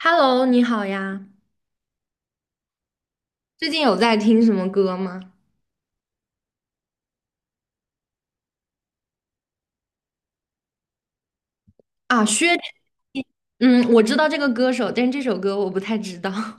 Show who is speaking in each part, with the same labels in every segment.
Speaker 1: Hello，你好呀，最近有在听什么歌吗？啊，薛之谦，嗯，我知道这个歌手，但是这首歌我不太知道。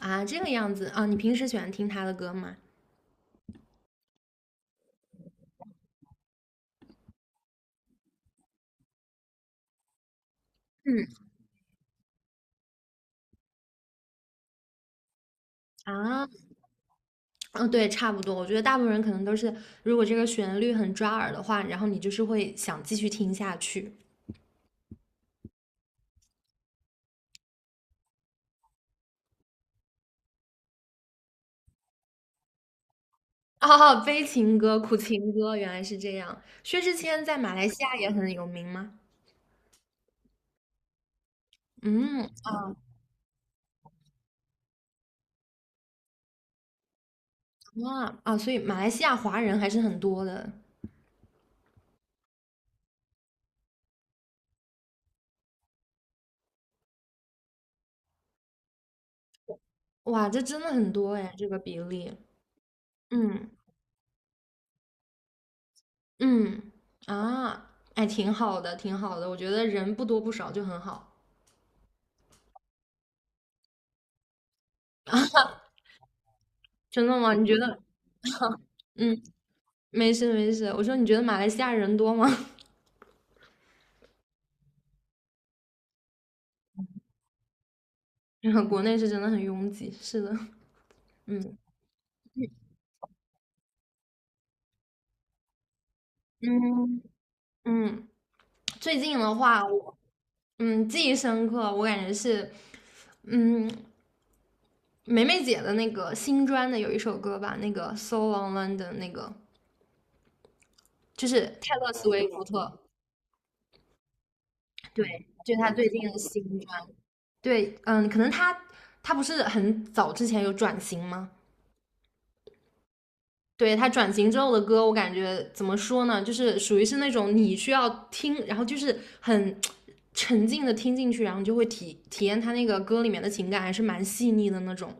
Speaker 1: 啊，这个样子啊，你平时喜欢听他的歌吗？嗯啊，嗯，对，差不多。我觉得大部分人可能都是，如果这个旋律很抓耳的话，然后你就是会想继续听下去。哦，悲情歌、苦情歌，原来是这样。薛之谦在马来西亚也很有名吗？嗯啊啊，所以马来西亚华人还是很多的。哇，这真的很多哎，这个比例。嗯嗯啊，哎，挺好的，挺好的。我觉得人不多不少就很好。真的吗？你觉得？嗯，没事没事。我说你觉得马来西亚人多吗？然后国内是真的很拥挤。是的，嗯嗯嗯。最近的话，我记忆深刻，我感觉是嗯梅梅姐的那个新专的有一首歌吧，那个《So Long London》那个，就是泰勒·斯威夫特，对，就是她最近的新专。对，嗯，可能他不是很早之前有转型吗？对，他转型之后的歌，我感觉怎么说呢，就是属于是那种你需要听，然后就是很沉浸的听进去，然后你就会体验他那个歌里面的情感，还是蛮细腻的那种。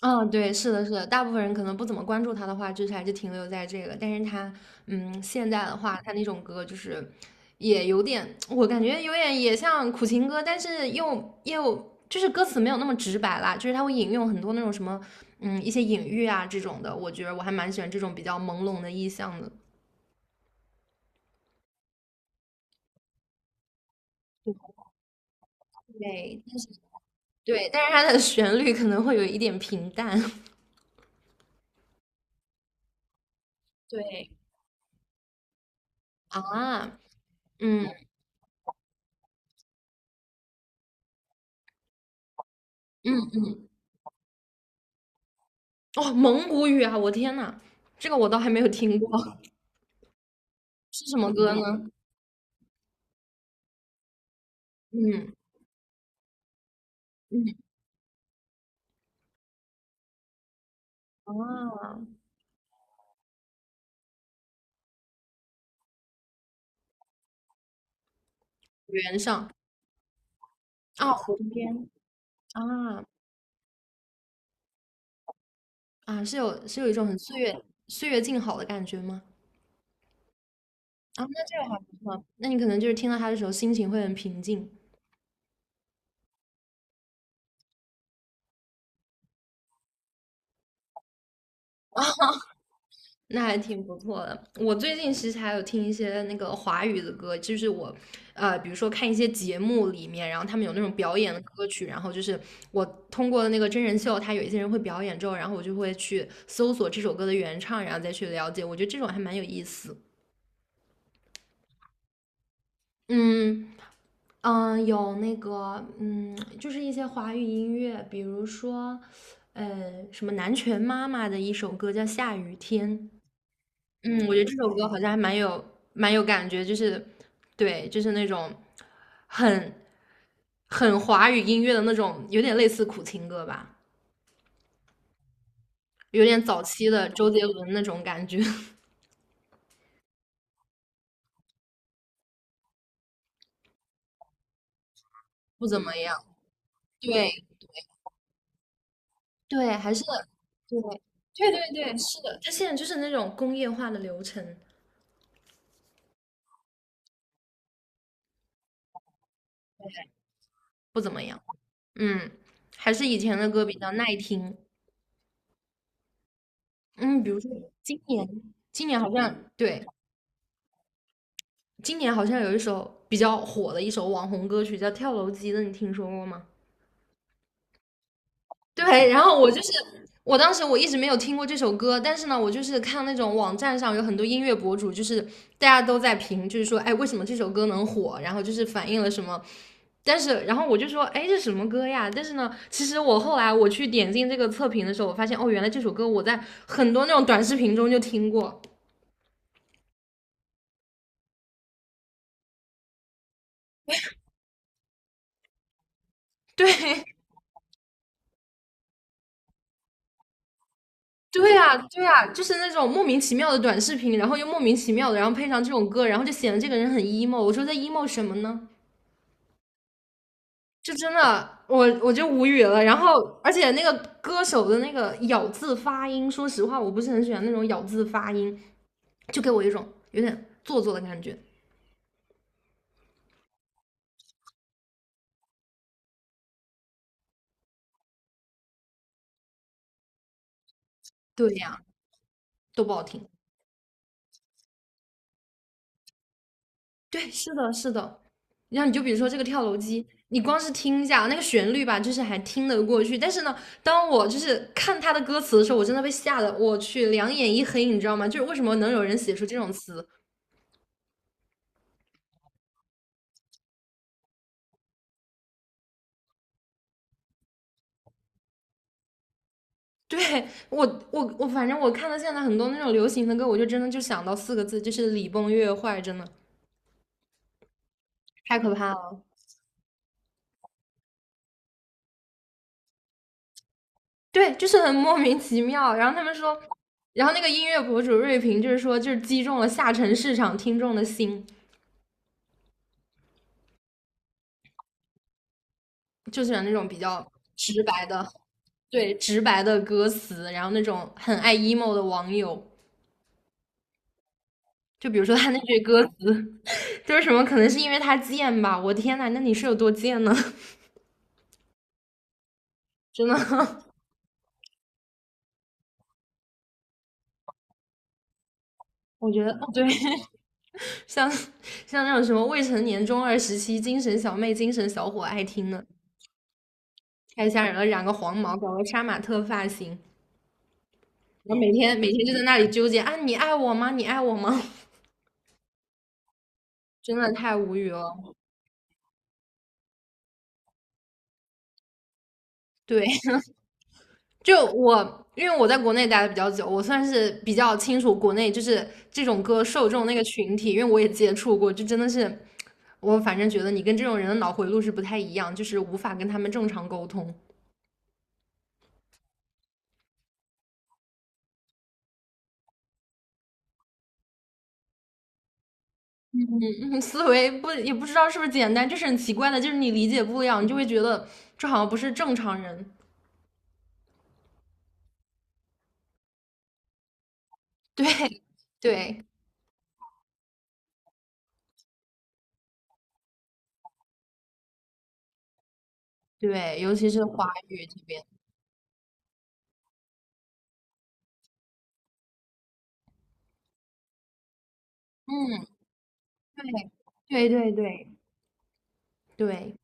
Speaker 1: 嗯，对，是的，是的，大部分人可能不怎么关注他的话，就是还是停留在这个。但是他，嗯，现在的话，他那种歌就是也有点，我感觉有点也像苦情歌，但是就是歌词没有那么直白啦，就是他会引用很多那种什么，嗯，一些隐喻啊这种的。我觉得我还蛮喜欢这种比较朦胧的意象的。对，但是对，但是它的旋律可能会有一点平淡。对啊，嗯嗯，哦，蒙古语啊，我天呐，这个我倒还没有听过。是什么歌呢？嗯嗯，啊，原上啊，湖边啊啊，是有一种很岁月岁月静好的感觉吗？啊，那这个还不错，那你可能就是听到它的时候心情会很平静，那还挺不错的。我最近其实还有听一些那个华语的歌，就是我呃，比如说看一些节目里面，然后他们有那种表演的歌曲，然后就是我通过那个真人秀，他有一些人会表演之后，然后我就会去搜索这首歌的原唱，然后再去了解，我觉得这种还蛮有意思。嗯嗯，有那个嗯，就是一些华语音乐，比如说，呃，什么南拳妈妈的一首歌叫《下雨天》，嗯，我觉得这首歌好像还蛮有感觉，就是对，就是那种很很华语音乐的那种，有点类似苦情歌吧，有点早期的周杰伦那种感觉。不怎么样。对对，还是对对，是的，他现在就是那种工业化的流程，不怎么样。嗯，还是以前的歌比较耐听。嗯，比如说今年，今年好像对，今年好像有一首比较火的一首网红歌曲叫《跳楼机》的，你听说过吗？对，然后我就是，我当时我一直没有听过这首歌，但是呢，我就是看那种网站上有很多音乐博主，就是大家都在评，就是说，哎，为什么这首歌能火？然后就是反映了什么。但是，然后我就说，哎，这什么歌呀？但是呢，其实我后来我去点进这个测评的时候，我发现，哦，原来这首歌我在很多那种短视频中就听过。对，对啊，对啊，就是那种莫名其妙的短视频，然后又莫名其妙的，然后配上这种歌，然后就显得这个人很 emo。我说在 emo 什么呢？就真的，我就无语了。然后，而且那个歌手的那个咬字发音，说实话，我不是很喜欢那种咬字发音，就给我一种有点做作的感觉。对呀，都不好听。对，是的，是的。然后你就比如说这个跳楼机，你光是听一下那个旋律吧，就是还听得过去。但是呢，当我就是看他的歌词的时候，我真的被吓得，我去，两眼一黑，你知道吗？就是为什么能有人写出这种词？对我，我反正我看到现在很多那种流行的歌，我就真的就想到四个字，就是礼崩乐坏，真的。太可怕了。对，就是很莫名其妙。然后他们说，然后那个音乐博主瑞平就是说，就是击中了下沉市场听众的心，就喜欢那种比较直白的，对，直白的歌词，然后那种很爱 emo 的网友。就比如说他那句歌词，就是什么，可能是因为他贱吧。我天呐，那你是有多贱呢？真的。我觉得，哦对。像像那种什么未成年中二时期精神小妹、精神小伙爱听的，太吓人了，染个黄毛，搞个杀马特发型，然后每天就在那里纠结啊，你爱我吗？你爱我吗？真的太无语了。对，就我，因为我在国内待的比较久，我算是比较清楚国内就是这种歌受众那个群体，因为我也接触过，就真的是，我反正觉得你跟这种人的脑回路是不太一样，就是无法跟他们正常沟通。思维不也不知道是不是简单，就是很奇怪的，就是你理解不了，你就会觉得这好像不是正常人。对，对，对，尤其是华语这边，嗯，对，对，对，对，对，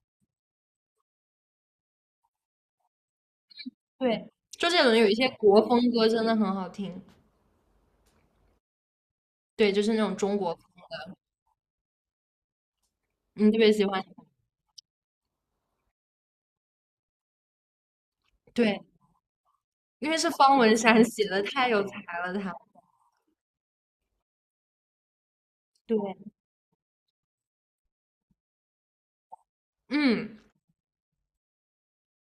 Speaker 1: 对，周杰伦有一些国风歌真的很好听，对，就是那种中国风，嗯，特别喜欢，对，因为是方文山写的，太有才了，他，对，嗯。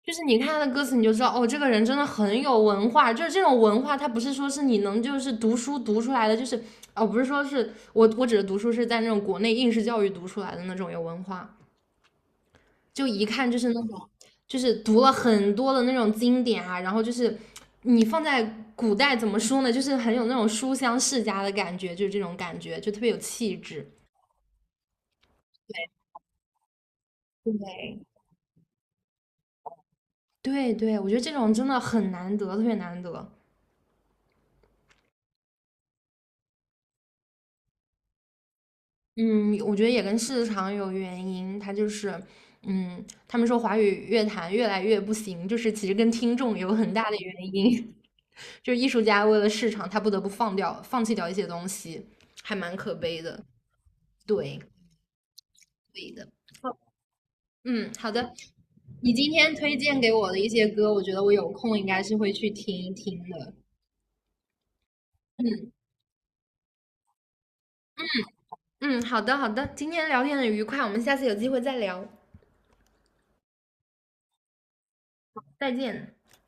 Speaker 1: 就是你看他的歌词，你就知道哦，这个人真的很有文化。就是这种文化，他不是说是你能就是读书读出来的，就是哦，不是说是我指的读书是在那种国内应试教育读出来的那种有文化，就一看就是那种就是读了很多的那种经典啊，然后就是你放在古代怎么说呢，就是很有那种书香世家的感觉，就是这种感觉，就特别有气质。对，对对，我觉得这种真的很难得，特别难得。嗯，我觉得也跟市场有原因，他就是，嗯，他们说华语乐坛越来越不行，就是其实跟听众有很大的原因，就是艺术家为了市场，他不得不放掉、放弃掉一些东西，还蛮可悲的。对，对的。好嗯，好的。你今天推荐给我的一些歌，我觉得我有空应该是会去听一听的。嗯，好的，好的。今天聊天很愉快，我们下次有机会再聊，再见。